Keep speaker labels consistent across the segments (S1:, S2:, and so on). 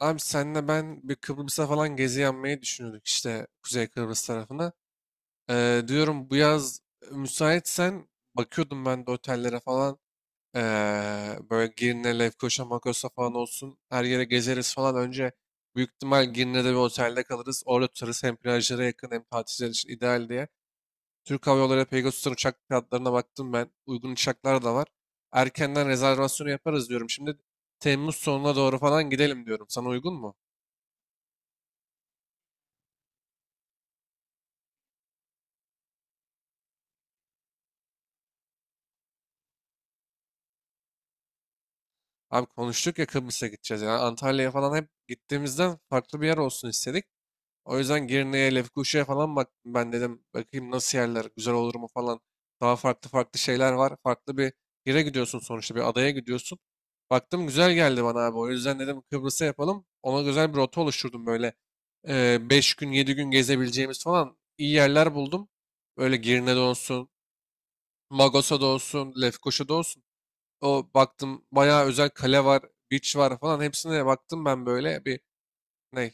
S1: Abi senle ben bir Kıbrıs'a falan gezi yapmayı düşünüyorduk işte Kuzey Kıbrıs tarafına. Diyorum bu yaz müsaitsen bakıyordum ben de otellere falan. Böyle Girne, Lefkoşa, Makos'a falan olsun. Her yere gezeriz falan. Önce büyük ihtimal Girne'de bir otelde kalırız. Orada tutarız hem plajlara yakın hem tatiller için ideal diye. Türk Hava Yolları Pegasus'tan uçak fiyatlarına baktım ben. Uygun uçaklar da var. Erkenden rezervasyonu yaparız diyorum. Şimdi Temmuz sonuna doğru falan gidelim diyorum. Sana uygun mu? Abi konuştuk ya, Kıbrıs'a gideceğiz. Yani Antalya'ya falan hep gittiğimizden farklı bir yer olsun istedik. O yüzden Girne'ye, Lefkoşa'ya falan bak ben dedim, bakayım nasıl yerler, güzel olur mu falan. Daha farklı farklı şeyler var. Farklı bir yere gidiyorsun, sonuçta bir adaya gidiyorsun. Baktım güzel geldi bana abi. O yüzden dedim Kıbrıs'a yapalım. Ona güzel bir rota oluşturdum böyle. Beş gün 7 gün gezebileceğimiz falan iyi yerler buldum. Böyle Girne'de olsun, Magosa'da olsun, Lefkoşa'da olsun. O baktım bayağı özel kale var, beach var falan, hepsine baktım ben böyle bir ne,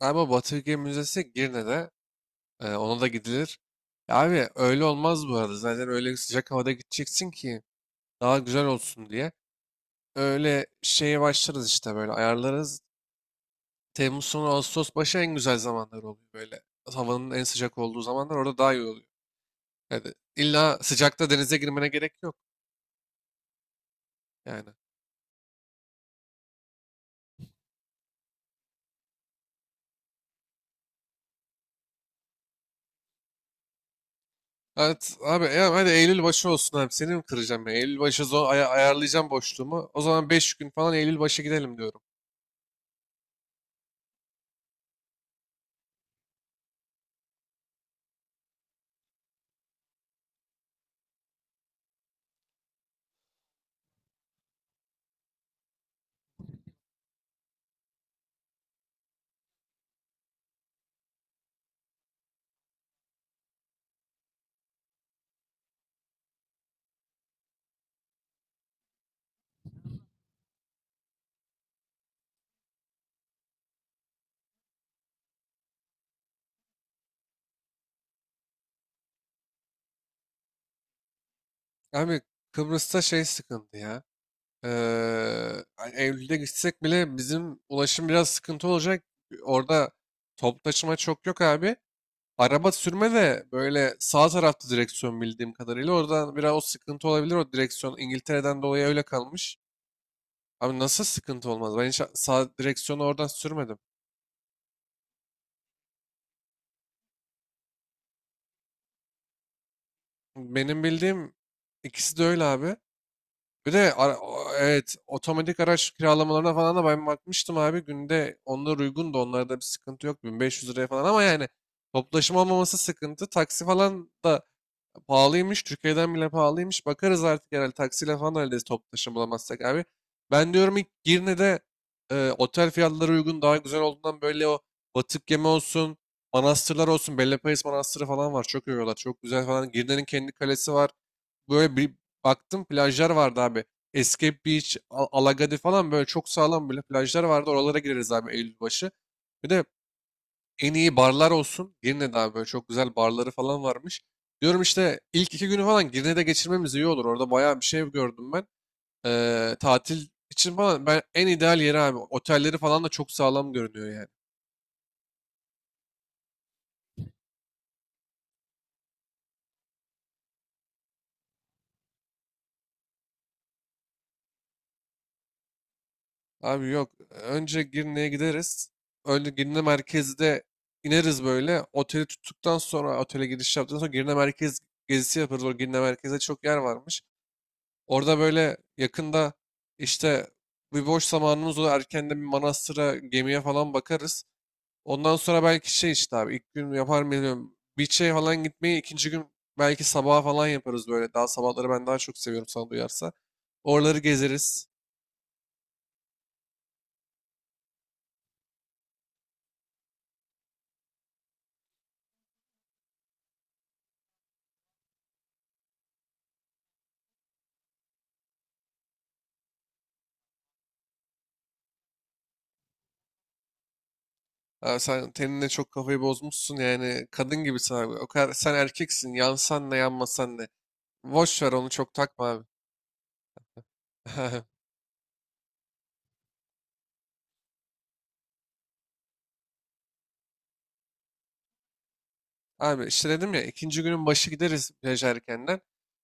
S1: galiba Batı Müzesi Girne'de, ona da gidilir. Ya abi öyle olmaz, bu arada zaten öyle sıcak havada gideceksin ki daha güzel olsun diye. Öyle şeye başlarız işte, böyle ayarlarız. Temmuz sonu Ağustos başı en güzel zamanlar oluyor böyle. Havanın en sıcak olduğu zamanlar orada daha iyi oluyor. Yani illa sıcakta denize girmene gerek yok yani. Evet abi ya, hadi Eylül başı olsun abi, seni mi kıracağım ya? Eylül başı zor ayarlayacağım boşluğumu. O zaman 5 gün falan Eylül başı gidelim diyorum. Abi Kıbrıs'ta şey sıkıntı ya. Ee, Eylül'de gitsek bile bizim ulaşım biraz sıkıntı olacak. Orada toplu taşıma çok yok abi. Araba sürme de böyle sağ tarafta direksiyon, bildiğim kadarıyla. Oradan biraz o sıkıntı olabilir. O direksiyon İngiltere'den dolayı öyle kalmış. Abi nasıl sıkıntı olmaz? Ben hiç sağ direksiyonu oradan sürmedim. Benim bildiğim ikisi de öyle abi. Bir de evet, otomatik araç kiralamalarına falan da ben bakmıştım abi. Günde onlar uygun, da onlarda bir sıkıntı yok. 1.500 liraya falan, ama yani toplaşım olmaması sıkıntı. Taksi falan da pahalıymış. Türkiye'den bile pahalıymış. Bakarız artık herhalde, taksiyle falan hallederiz toplu taşıma bulamazsak abi. Ben diyorum ilk Girne'de, otel fiyatları uygun, daha güzel olduğundan böyle o batık yeme olsun, manastırlar olsun. Bellepayız Manastırı falan var. Çok övüyorlar. Çok güzel falan. Girne'nin kendi kalesi var. Böyle bir baktım plajlar vardı abi. Escape Beach, Alagadi falan böyle çok sağlam böyle plajlar vardı. Oralara gireriz abi Eylül başı. Bir de en iyi barlar olsun. Girne'de abi böyle çok güzel barları falan varmış. Diyorum işte ilk iki günü falan Girne'de geçirmemiz iyi olur. Orada bayağı bir şey gördüm ben. Tatil için falan ben en ideal yeri abi. Otelleri falan da çok sağlam görünüyor yani. Abi yok. Önce Girne'ye gideriz. Önce Girne merkezde ineriz böyle. Oteli tuttuktan sonra, otele giriş yaptıktan sonra Girne merkez gezisi yaparız. O Girne merkezde çok yer varmış. Orada böyle yakında işte bir boş zamanımız olur. Erken bir manastıra, gemiye falan bakarız. Ondan sonra belki şey, işte abi ilk gün yapar mıyım? Beach'e falan gitmeyi ikinci gün belki sabaha falan yaparız böyle. Daha sabahları ben daha çok seviyorum, sana duyarsa. Oraları gezeriz. Ha, sen tenine çok kafayı bozmuşsun, yani kadın gibisin abi. O kadar, sen erkeksin, yansan ne yanmasan ne. Boş ver onu, çok takma abi. Abi işte dedim ya, ikinci günün başı gideriz plaj erkenden.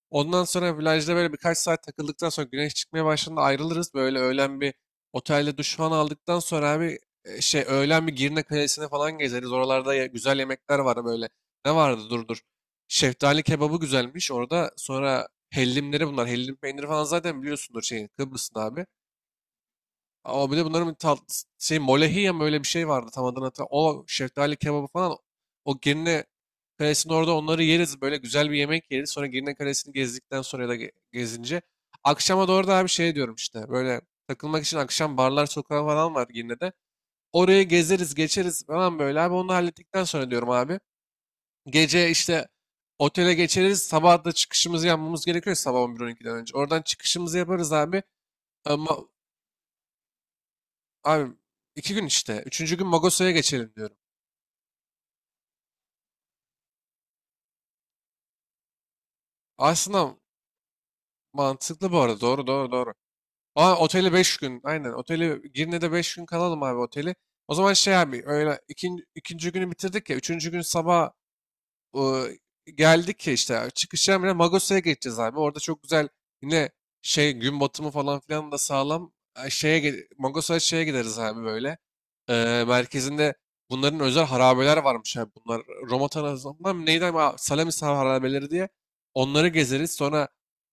S1: Ondan sonra plajda böyle birkaç saat takıldıktan sonra, güneş çıkmaya başladığında ayrılırız. Böyle öğlen bir otelde duş falan aldıktan sonra abi, şey öğlen bir Girne Kalesi'ne falan gezeriz. Oralarda güzel yemekler var böyle. Ne vardı, dur dur. Şeftali kebabı güzelmiş orada. Sonra hellimleri bunlar. Hellim peyniri falan zaten biliyorsundur şeyin, Kıbrıs'ın abi. Ama bir de bunların bir tat, şey molehiye mi, öyle bir şey vardı, tam adını hatırlamıyorum. O şeftali kebabı falan, o Girne Kalesi'nin orada onları yeriz. Böyle güzel bir yemek yeriz. Sonra Girne Kalesi'ni gezdikten sonra ya da gezince. Akşama doğru da bir şey diyorum işte. Böyle takılmak için akşam barlar sokağı falan var Girne'de. Oraya gezeriz geçeriz falan böyle abi. Onu da hallettikten sonra diyorum abi. Gece işte otele geçeriz. Sabah da çıkışımızı yapmamız gerekiyor, sabah 11-12'den önce. Oradan çıkışımızı yaparız abi. Ama abi iki gün işte. Üçüncü gün Magosa'ya geçelim diyorum. Aslında mantıklı bu arada. Doğru doğru doğru. Aa, oteli beş gün. Aynen. Oteli Girne'de beş gün kalalım abi, oteli. O zaman şey abi, öyle ikinci günü bitirdik ya. Üçüncü gün sabah o, geldik ya işte çıkışa bile, Magosa'ya geçeceğiz abi. Orada çok güzel yine şey gün batımı falan filan da sağlam. Şeye, Magosa'ya şeye gideriz abi böyle. Merkezinde bunların özel harabeler varmış abi. Bunlar Roma tarafından neydi, ama Salamis harabeleri diye. Onları gezeriz. Sonra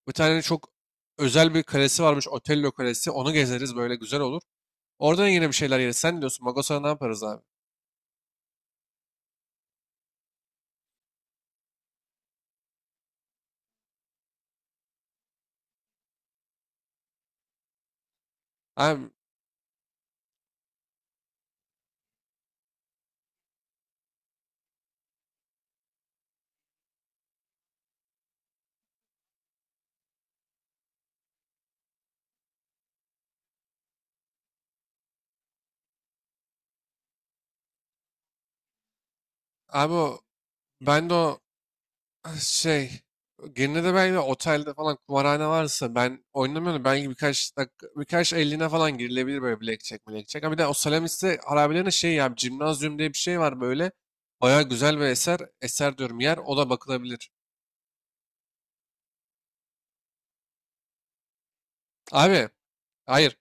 S1: bir tane çok özel bir kalesi varmış, Otello Kalesi. Onu gezeriz, böyle güzel olur. Orada yine bir şeyler yeriz. Sen ne diyorsun, Magosa'ya ne yaparız abi? Abi, abi o, ben de o şey, gene de belki otelde falan kumarhane varsa, ben oynamıyorum. Belki birkaç dakika, birkaç elline falan girilebilir böyle, blackjack. Ama bir de o Salamis'te harabelerine şey ya, Cimnazyum diye bir şey var böyle. Baya güzel bir eser, eser diyorum yer, o da bakılabilir. Abi, hayır.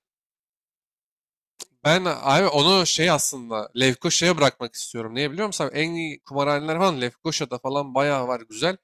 S1: Ben abi onu şey aslında Lefkoşa'ya bırakmak istiyorum. Niye biliyor musun abi? En iyi kumarhaneler falan Lefkoşa'da falan bayağı var, güzel.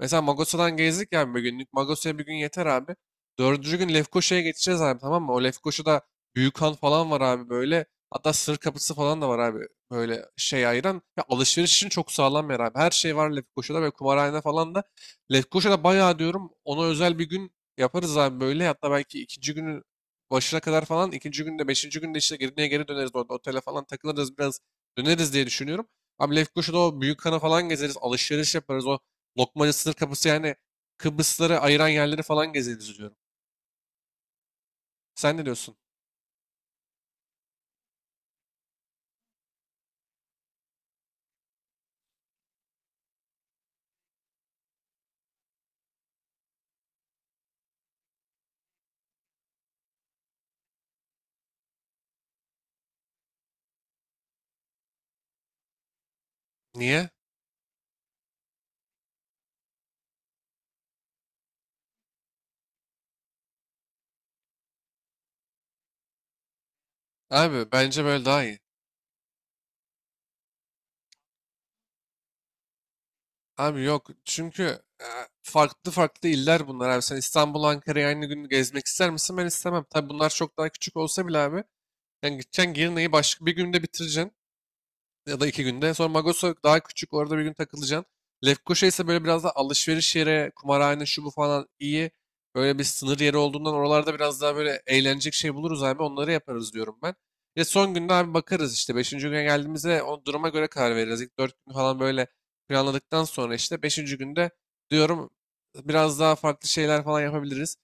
S1: Mesela Magosa'dan gezdik ya bir günlük. Magosa'ya bir gün yeter abi. Dördüncü gün Lefkoşa'ya geçeceğiz abi, tamam mı? O Lefkoşa'da büyük han falan var abi böyle. Hatta sır kapısı falan da var abi. Böyle şey ayıran. Ya alışveriş için çok sağlam bir yer abi. Her şey var Lefkoşa'da, ve kumarhane falan da. Lefkoşa'da bayağı diyorum, ona özel bir gün yaparız abi böyle. Hatta belki ikinci günün başına kadar falan. İkinci günde, beşinci günde işte geriye geri döneriz orada. Otele falan takılırız biraz, döneriz diye düşünüyorum. Abi Lefkoşa'da o büyük Büyükhan'a falan gezeriz. Alışveriş yaparız. O Lokmaca sınır kapısı, yani Kıbrısları ayıran yerleri falan gezeriz diyorum. Sen ne diyorsun? Niye? Abi bence böyle daha iyi. Abi yok, çünkü e, farklı farklı iller bunlar abi. Sen İstanbul, Ankara'yı aynı gün gezmek ister misin? Ben istemem. Tabii bunlar çok daha küçük olsa bile abi. Yani gideceksin Girne'yi başka bir günde bitireceksin, ya da iki günde. Sonra Magoso daha küçük, orada bir gün takılacaksın. Lefkoşa ise böyle biraz da alışveriş yeri, kumarhane, şu bu falan iyi. Böyle bir sınır yeri olduğundan, oralarda biraz daha böyle eğlenecek şey buluruz abi, onları yaparız diyorum ben. Ve son günde abi bakarız işte, beşinci güne geldiğimizde o duruma göre karar veririz. İlk 4 gün falan böyle planladıktan sonra, işte beşinci günde diyorum biraz daha farklı şeyler falan yapabiliriz.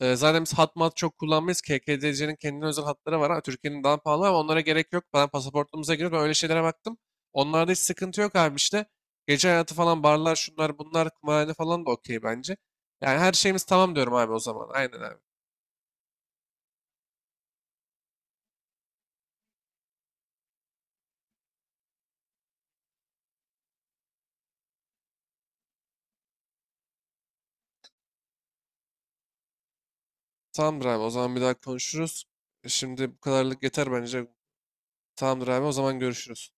S1: Zaten biz hat mat çok kullanmayız. KKDC'nin kendine özel hatları var. Ha, Türkiye'nin daha pahalı, ama onlara gerek yok. Ben pasaportumuza giriyor. Ben öyle şeylere baktım. Onlarda hiç sıkıntı yok abi işte. Gece hayatı falan, barlar şunlar bunlar kumarhane falan da okey bence. Yani her şeyimiz tamam diyorum abi, o zaman. Aynen abi. Tamamdır abi, o zaman bir daha konuşuruz. Şimdi bu kadarlık yeter bence. Tamamdır abi, o zaman görüşürüz.